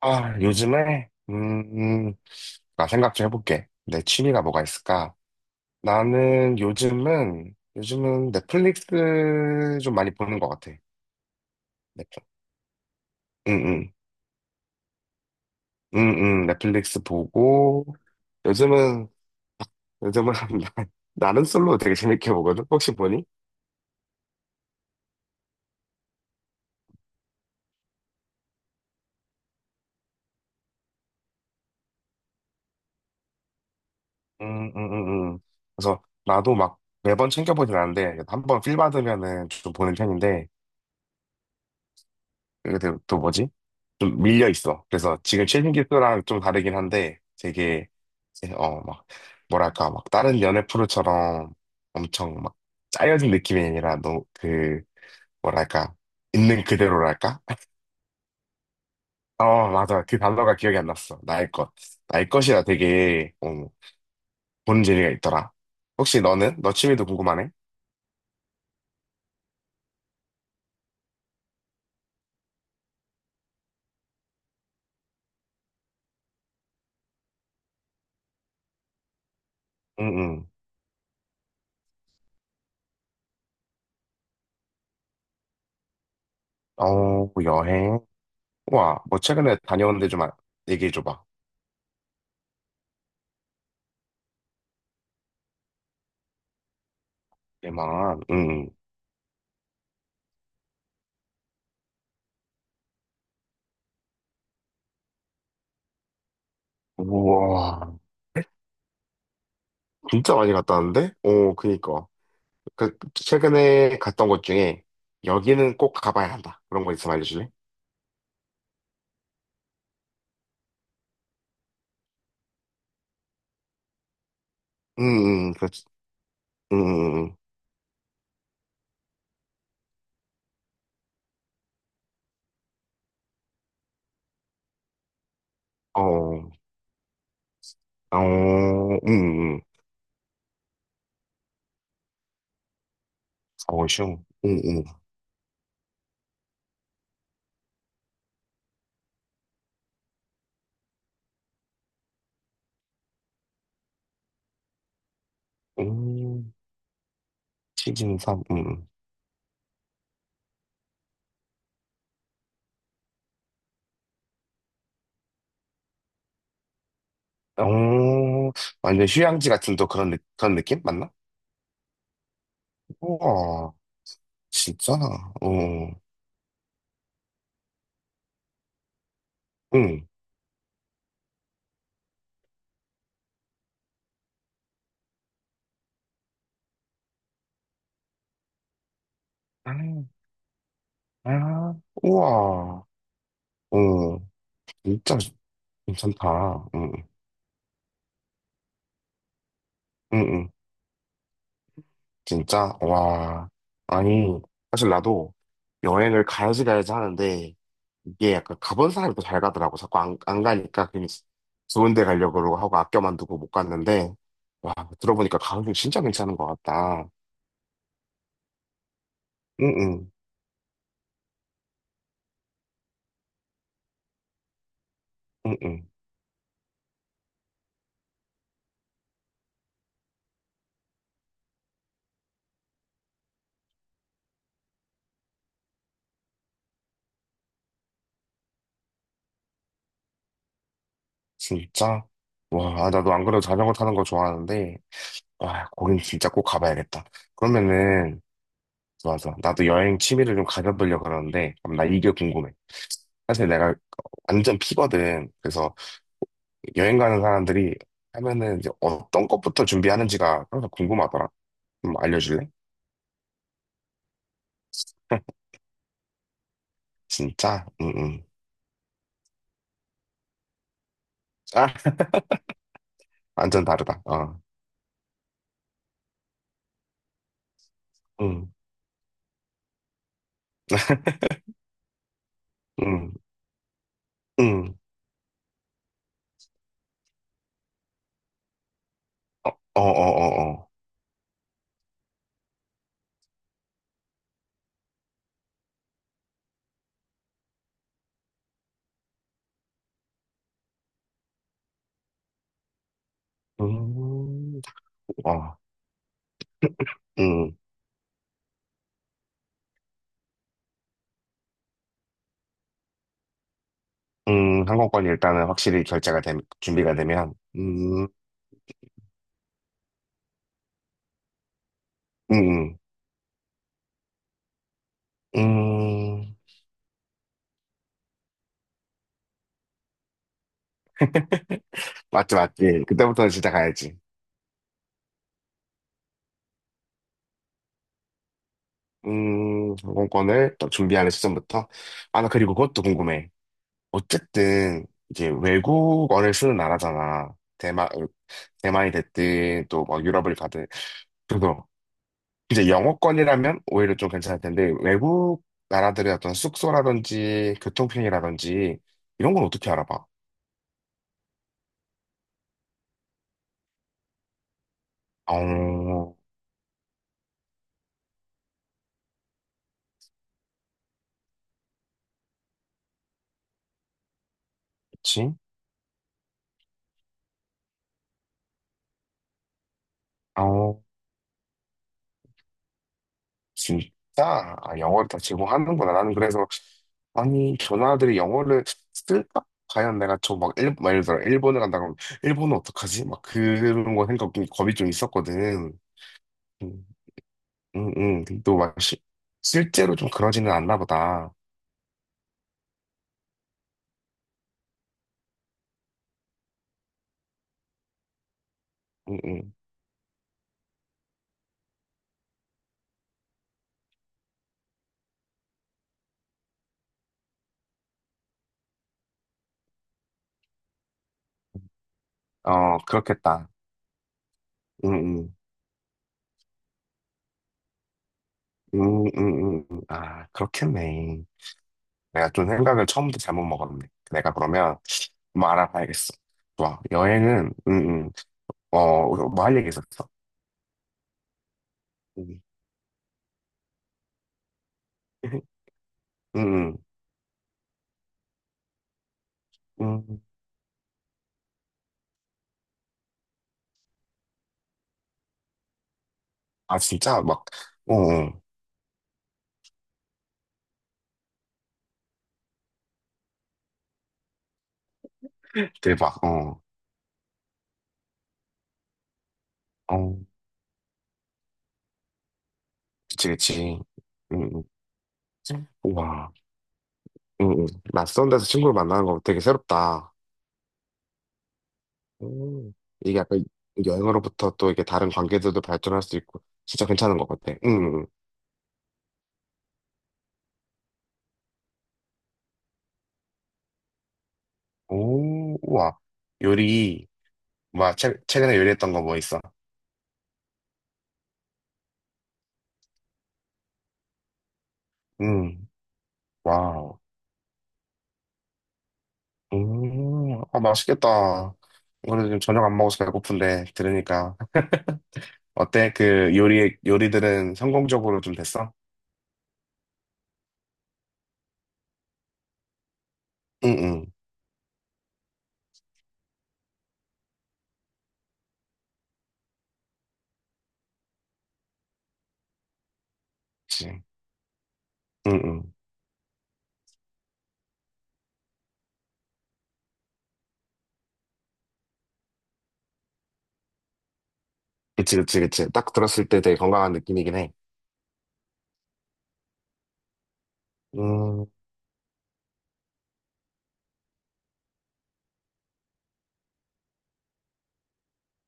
아, 요즘에? 나 생각 좀 해볼게. 내 취미가 뭐가 있을까? 나는 요즘은 넷플릭스 좀 많이 보는 것 같아. 넷플, 응, 응, 응, 응, 넷플릭스 보고, 요즘은, 요즘은, 나는 솔로 되게 재밌게 보거든? 혹시 보니? 응, 응, 응, 응. 그래서 나도 막 매번 챙겨보진 않는데, 한 번 필 받으면은 좀 보는 편인데, 근데 또 뭐지? 좀 밀려 있어. 그래서 지금 최신 기술랑 좀 다르긴 한데 되게 이제 막 뭐랄까 막 다른 연애 프로처럼 엄청 막 짜여진 느낌이 아니라 너무 그 뭐랄까 있는 그대로랄까? 어, 맞아. 그 단어가 기억이 안 났어. 나의 것이라 되게 보는 재미가 있더라. 혹시 너는 너 취미도 궁금하네? 응응. 어, 뭐, 여행. 우와, 뭐 최근에 다녀온 데좀 얘기해 줘봐. 대만. 응. 응. 우와. 진짜 많이 갔다 왔는데? 오, 그니까. 그, 최근에 갔던 곳 중에, 여기는 꼭 가봐야 한다. 그런 거 있으면 알려줄래? 응, 응, 응. 그렇지. 응, 응, 응. 응. 어, 어, 응, 응. 어슝. 응, 응. 음, 시즌삼, 응, 응. 어, 완전 휴양지 같은 또 그런 느낌? 맞나? 우와, 진짜? 어, 응. 아, 아, 우와, 어, 진짜 괜찮다. 응, 응, 응. 진짜? 와. 아니, 사실 나도 여행을 가야지 가야지 하는데, 이게 약간 가본 사람이 더 잘 가더라고. 자꾸 안 가니까 괜히 좋은 데 가려고 그러고 하고 아껴만 두고 못 갔는데, 와, 들어보니까 가격이 진짜 괜찮은 것 같다. 응응, 응응, 진짜? 와, 아, 나도 안 그래도 자전거 타는 거 좋아하는데, 와, 거긴 진짜 꼭 가봐야겠다. 그러면은, 좋아, 좋아. 나도 여행 취미를 좀 가져보려고 그러는데, 그럼 나 이게 궁금해. 사실 내가 완전 피거든. 그래서 여행 가는 사람들이 하면은 이제 어떤 것부터 준비하는지가 항상 궁금하더라. 좀 알려줄래? 진짜? 응, 응. 아, 완전 다르다. 어. 응, 응, 응. 어, 어, 어, 어. 음, 어, 응, 응. 항공권이 일단은 확실히 결제가 되, 준비가 되면, 응, 응. 맞지, 맞지. 그때부터는 진짜 가야지. 항공권을 또 준비하는 시점부터. 아, 나 그리고 그것도 궁금해. 어쨌든 이제 외국어를 쓰는 나라잖아. 대만이 됐든 또 막 유럽을 가든, 그래서 이제 영어권이라면 오히려 좀 괜찮을 텐데 외국 나라들의 어떤 숙소라든지 교통편이라든지 이런 건 어떻게 알아봐? 어, 그치? 어, 진짜. 아, 영어를 다 제공하는구나. 나는 그래서, 아니, 전화들이 영어를 쓸까? 과연 내가 저막 일, 막 예를 들어 일본을 간다 그러면 일본은 어떡하지? 막 그런 거 생각 좀 겁이 좀 있었거든. 음, 음, 또 막, 실제로 좀 그러지는 않나 보다. 음, 음. 어, 그렇겠다. 음, 음. 음. 아, 그렇겠네. 내가 좀 생각을 처음부터 잘못 먹었네. 내가 그러면 뭐 알아봐야겠어. 좋아. 여행은, 어, 어, 뭐할 얘기 있었어? 음, 음, 음. 음. 아, 진짜? 막, 어, 어. 대박. 어, 어. 그치, 그치. 음, 와, 응, 응. 낯선 데서 친구를 만나는 거 되게 새롭다. 음. 이게 약간 여행으로부터 또 이게 다른 관계들도 발전할 수 있고 진짜 괜찮은 것 같아. 음. 오, 우와. 요리. 와, 최근에 요리했던 거 뭐 있어? 음. 와우. 음. 아, 맛있겠다. 오늘 지금 저녁 안 먹어서 배고픈데 들으니까 어때? 그 요리들은 성공적으로 좀 됐어? 응응. 그치. 응응. 그치 그치 그치. 딱 들었을 때 되게 건강한 느낌이긴 해. 음.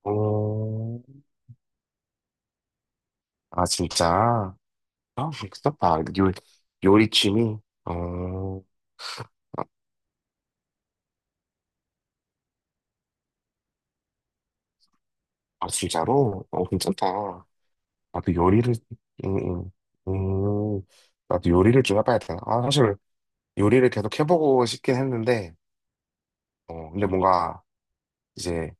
음. 아, 진짜? 아, 그어 아, 요리 취미? 어, 아, 아, 진짜로? 어, 괜찮다. 나도 요리를, 음, 음, 음, 나도 요리를 좀 해봐야 되나? 아, 사실 요리를 계속 해보고 싶긴 했는데, 어, 근데 뭔가 이제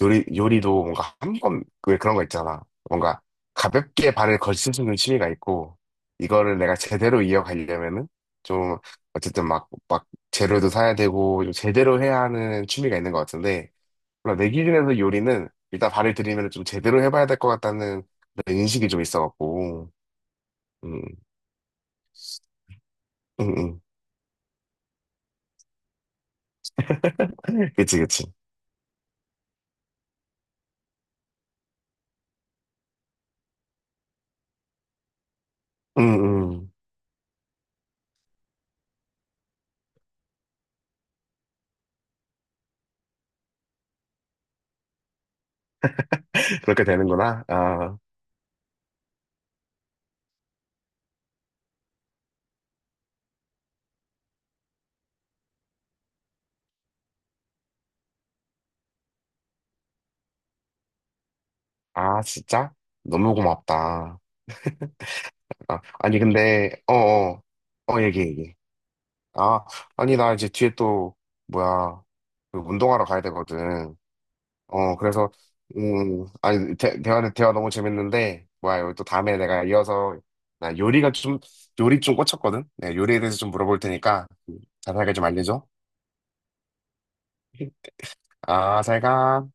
요리도 뭔가 한 번, 왜 그런 거 있잖아. 뭔가 가볍게 발을 걸칠 수 있는 취미가 있고, 이거를 내가 제대로 이어가려면은 좀, 어쨌든 막 재료도 사야 되고, 좀 제대로 해야 하는 취미가 있는 것 같은데, 몰라, 내 기준에서 요리는 일단 발을 들이면 좀 제대로 해봐야 될 것 같다는 그런 인식이 좀 있어갖고, 음, 음. 그치, 그치. 음, 음. 그렇게 되는구나. 아, 아, 진짜? 너무 고맙다. 아, 아니, 근데, 어, 어, 어, 얘기, 얘기. 아, 아니, 나 이제 뒤에 또, 뭐야, 그 운동하러 가야 되거든. 어, 그래서, 아니, 대화 너무 재밌는데, 뭐야, 이거 또 다음에 내가 이어서, 나 요리가 좀, 요리 좀 꽂혔거든? 내가 요리에 대해서 좀 물어볼 테니까, 자세하게 좀 알려줘. 아, 잘 가.